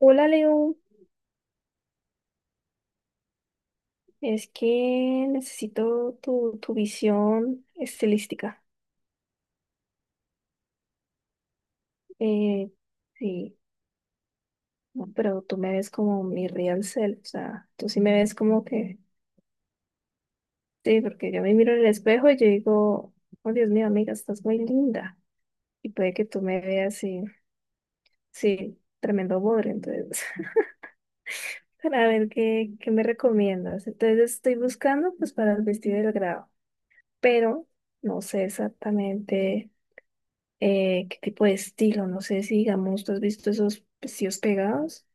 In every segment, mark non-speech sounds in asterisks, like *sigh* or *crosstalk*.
Hola Leo, es que necesito tu visión estilística. Eh, sí, no, pero tú me ves como mi real self, o sea, tú sí me ves como que, sí, porque yo me miro en el espejo y yo digo, oh Dios mío, amiga, estás muy linda. Y puede que tú me veas y, sí, tremendo bodre, entonces, *laughs* para ver qué me recomiendas. Entonces estoy buscando pues para el vestido del grado, pero no sé exactamente. ¿Qué tipo de estilo? No sé, si digamos, ¿tú has visto esos vestidos pegados?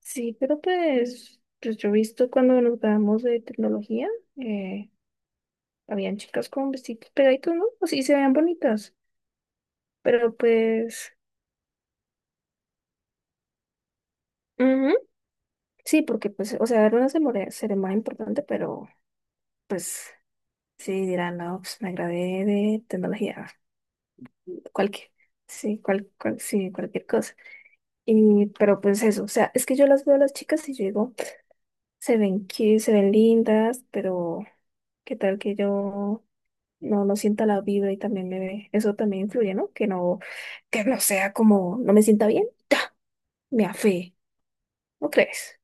Sí, pero pues yo he visto cuando nos graduamos de tecnología, eh, habían chicas con vestidos pegaditos, ¿no? Pues sí, se veían bonitas, pero pues, ujú. Sí, porque pues, o sea, era una ceremonia importante, pero pues sí dirán, no, pues me gradué de tecnología, cualquier, sí, sí, cualquier cosa. Y pero pues eso, o sea, es que yo las veo a las chicas y yo digo, se ven cute, se ven lindas, pero qué tal que yo no sienta la vibra y también me ve. Eso también influye, ¿no? Que no sea como, no me sienta bien, ¡ta! Me afee, ¿no crees?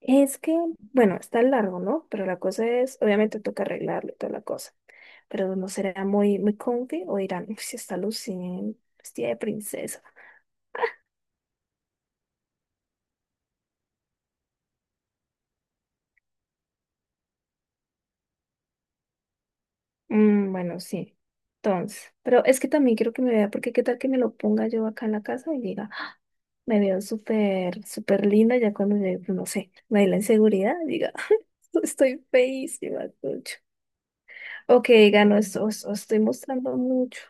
Es que, bueno, está largo, ¿no? Pero la cosa es, obviamente toca arreglarlo y toda la cosa. Pero no será muy comfy o dirán, "Uy, si está luciendo, vestida de princesa". Mm, bueno, sí. Entonces, pero es que también quiero que me vea, porque qué tal que me lo ponga yo acá en la casa y diga, me veo súper linda ya cuando me, no sé, me dé la inseguridad, diga, *laughs* estoy feísima, mucho. O que diga, no, os, os estoy mostrando mucho.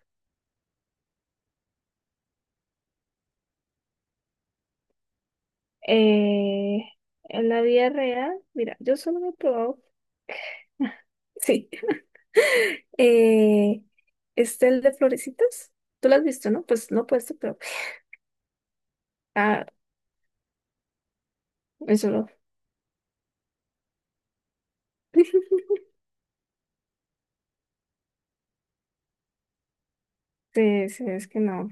Eh, en la vida real, mira, yo solo me he probado, *laughs* sí, *laughs* eh, este el de florecitas, tú lo has visto, ¿no? Pues no puesto, pero, ah, eso lo, *laughs* sí, sí, es que no.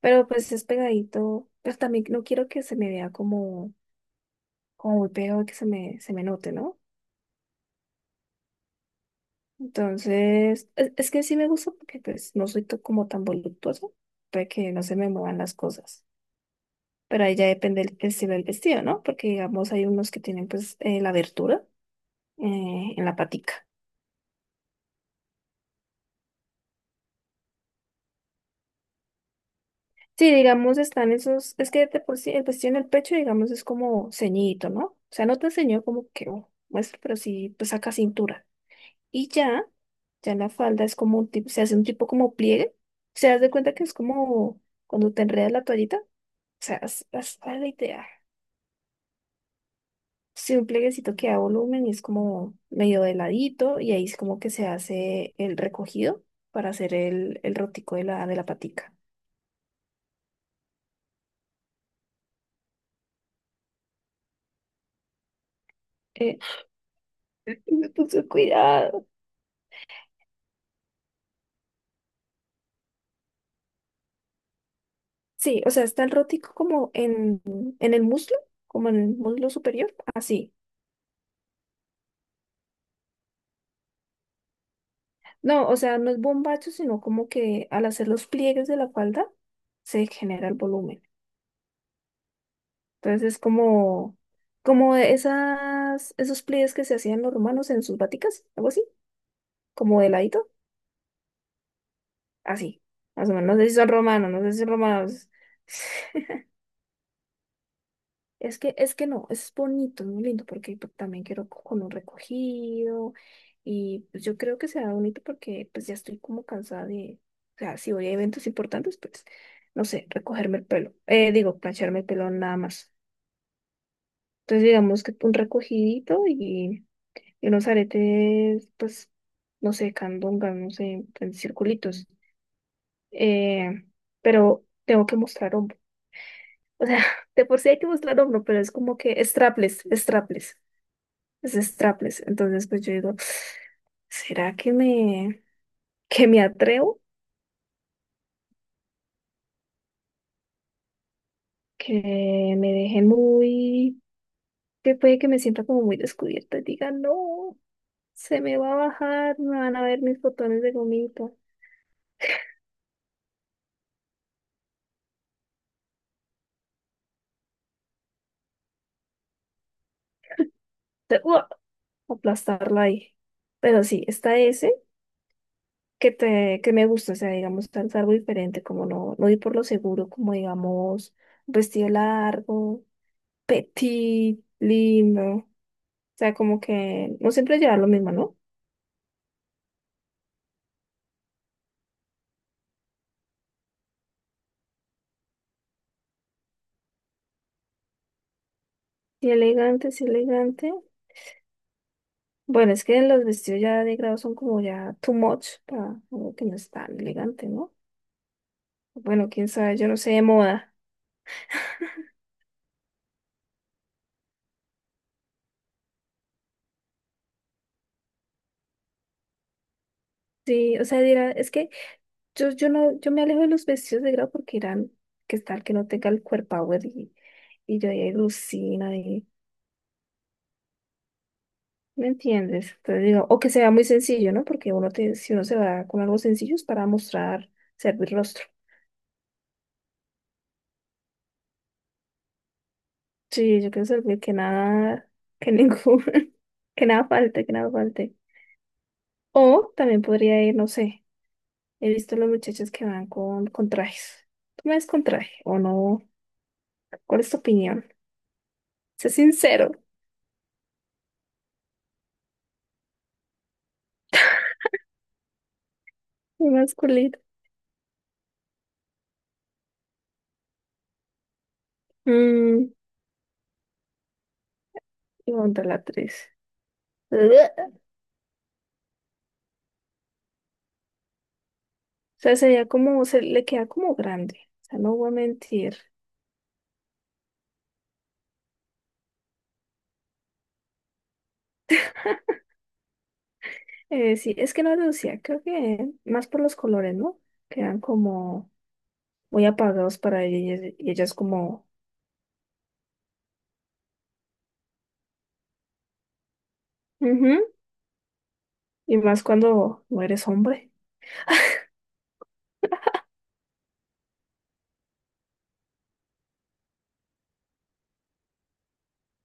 Pero pues es pegadito, pero también no quiero que se me vea como como muy pegado y que se me note, ¿no? Entonces, es que sí me gusta porque pues no soy como tan voluptuoso, para que no se me muevan las cosas. Pero ahí ya depende el estilo del vestido, ¿no? Porque digamos hay unos que tienen pues la abertura en la patica. Sí, digamos están esos, es que de por sí el vestido en el pecho, digamos, es como ceñidito, ¿no? O sea, no te ceñido como que oh, muestra, pero sí pues saca cintura. Y ya, ya la falda es como un tipo, se hace un tipo como pliegue. Se das de cuenta que es como cuando te enredas la toallita. O sea, la idea. Sí, un plieguecito que da volumen y es como medio de ladito y ahí es como que se hace el recogido para hacer el rotico de la patica. Eh, *laughs* me puso cuidado. Sí, o sea, está el rotico en el muslo, como en el muslo superior, así. No, o sea, no es bombacho, sino como que al hacer los pliegues de la falda se genera el volumen. Entonces es como, como esas, esos pliegues que se hacían los romanos en sus váticas, algo así, como de ladito, así, más o menos. No sé si son romanos, no sé si son romanos. *laughs* Es que no, es bonito, es muy lindo, porque pues, también quiero con un recogido y pues, yo creo que será bonito porque pues ya estoy como cansada de, o sea, si voy a eventos importantes, pues, no sé, recogerme el pelo, digo, plancharme el pelo nada más. Entonces digamos que un recogidito y unos aretes, pues, no sé, candongas, no sé, en circulitos. Eh, pero tengo que mostrar hombro. O sea, *laughs* de por sí hay que mostrar hombro, pero es como que strapless. Es strapless. Entonces, pues yo digo, ¿será que que me atrevo? Que me deje muy, que puede que me sienta como muy descubierta y diga, no, se me va a bajar, me van a ver mis botones de gomita. ¡Uah! Aplastarla ahí. Pero sí, está ese que te, que me gusta, o sea, digamos, tal algo diferente, como no, no ir por lo seguro, como digamos, un vestido largo, petit, lindo. O sea, como que no siempre llevar lo mismo, ¿no? Sí, elegante, sí, elegante. Bueno, es que los vestidos ya de grado son como ya too much para algo que no es tan elegante, ¿no? Bueno, quién sabe, yo no sé de moda. Sí, o sea, dirá, es que yo no, yo me alejo de los vestidos de grado porque irán que es tal que no tenga el cuerpo power y yo ahí alucina y ¿me entiendes? Entonces digo, o que sea muy sencillo, ¿no? Porque uno te, si uno se va con algo sencillo es para mostrar, servir rostro. Sí, yo quiero servir que nada, que ningún, *laughs* que nada falte, que nada falte. O también podría ir, no sé, he visto las muchachas que van con trajes. ¿Tú me ves con traje o no? ¿Cuál es tu opinión? Sé sincero, muy masculino. Mm, y monta la actriz. Ugh. O sea, sería como, se le queda como grande. O sea, no voy a mentir. Sí, es que no Lucía, creo que más por los colores, ¿no? Quedan como muy apagados para ellas y ellas como, ujú. Y más cuando no eres hombre.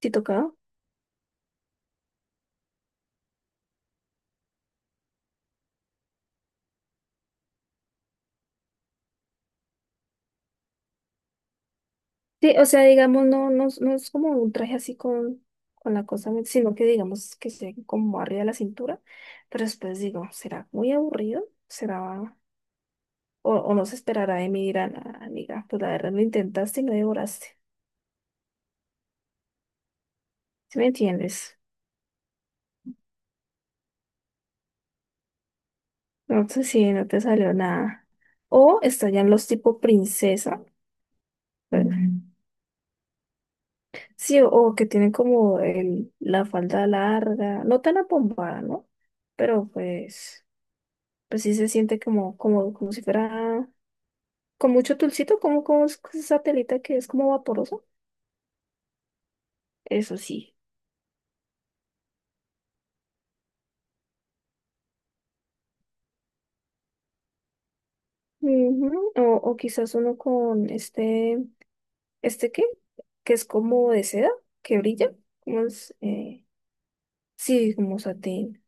Si tocaba. Sí, o sea, digamos, no, no, no es como un traje así con la cosa, sino que digamos que esté como arriba de la cintura, pero después digo, ¿será muy aburrido? ¿Será, o no se esperará de mí? Dirán, "Ah, amiga, pues la verdad lo intentaste y no devoraste, ¿sí me entiendes?" No sé si no te salió nada. O estarían los tipo princesa, pero- ujú. Sí, o que tienen como el, la falda larga, no tan apombada, ¿no? Pero pues... Pues sí se siente como, como, como si fuera con mucho tulcito, como, como es esa telita que es como vaporosa. Eso sí. Ujú. O quizás uno con este, ¿este qué? Que es como de seda, que brilla. Como es, sí, como satín.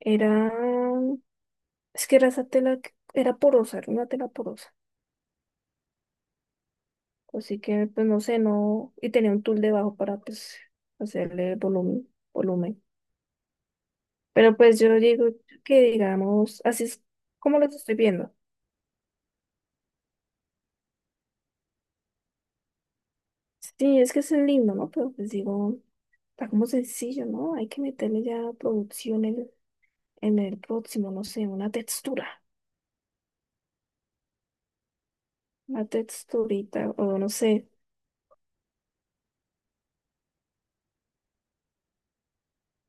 Era, es que era esa tela, era porosa, era una tela porosa. Así que, pues no sé, no, y tenía un tul debajo para, pues, hacerle volumen. Pero pues yo digo que digamos, así es como los estoy viendo. Sí, es que es lindo, ¿no? Pero pues digo, está como sencillo, ¿no? Hay que meterle ya producción en el próximo, no sé, una textura, una texturita, o no sé.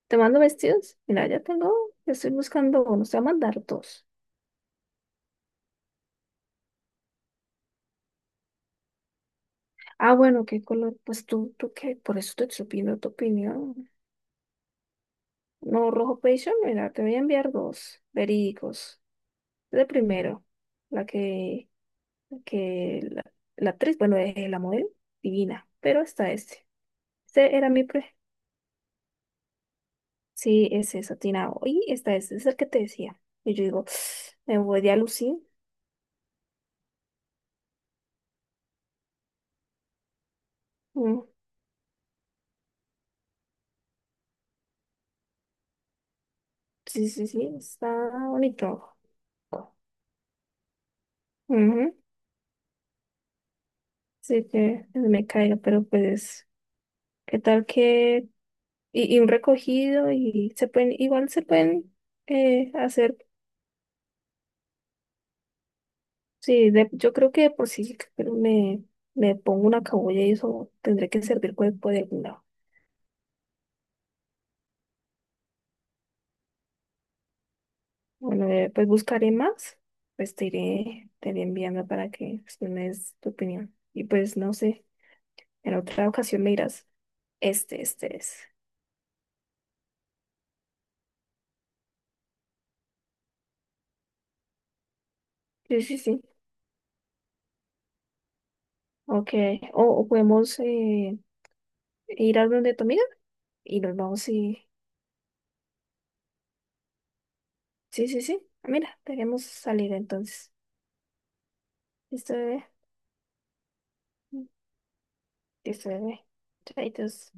¿Te mando vestidos? Mira, ya tengo, estoy buscando, no sé, a mandar dos. Ah, bueno, ¿qué color? Pues tú qué, por eso te estoy pidiendo tu opinión. No, rojo pecho, mira, te voy a enviar dos, verídicos. El primero, la que la actriz, bueno, es la modelo divina, pero está este. Ese era mi pre. Sí, ese es atinado. Y está ese es el que te decía. Y yo digo, *sniffs* *sighs* me voy de alucin. Mm, sí, sí, sí, está bonito. Ujú. Sí, que me caiga, pero pues, ¿qué tal que... Y, y un recogido y se pueden, igual se pueden hacer, sí, yo creo que de por si me, me pongo una cabulla y eso tendré que servir cuerpo de alguna. Bueno, pues buscaré más, pues te iré enviando para que pues, tú me des tu opinión. Y pues no sé, en otra ocasión me dirás, este es. Sí, sí, sí. Ok. O podemos ir a donde tu amiga y nos vamos y... Sí, sí, sí. Ah, mira, tenemos salir entonces. Listo, bebé. Listo, bebé. Chaitos.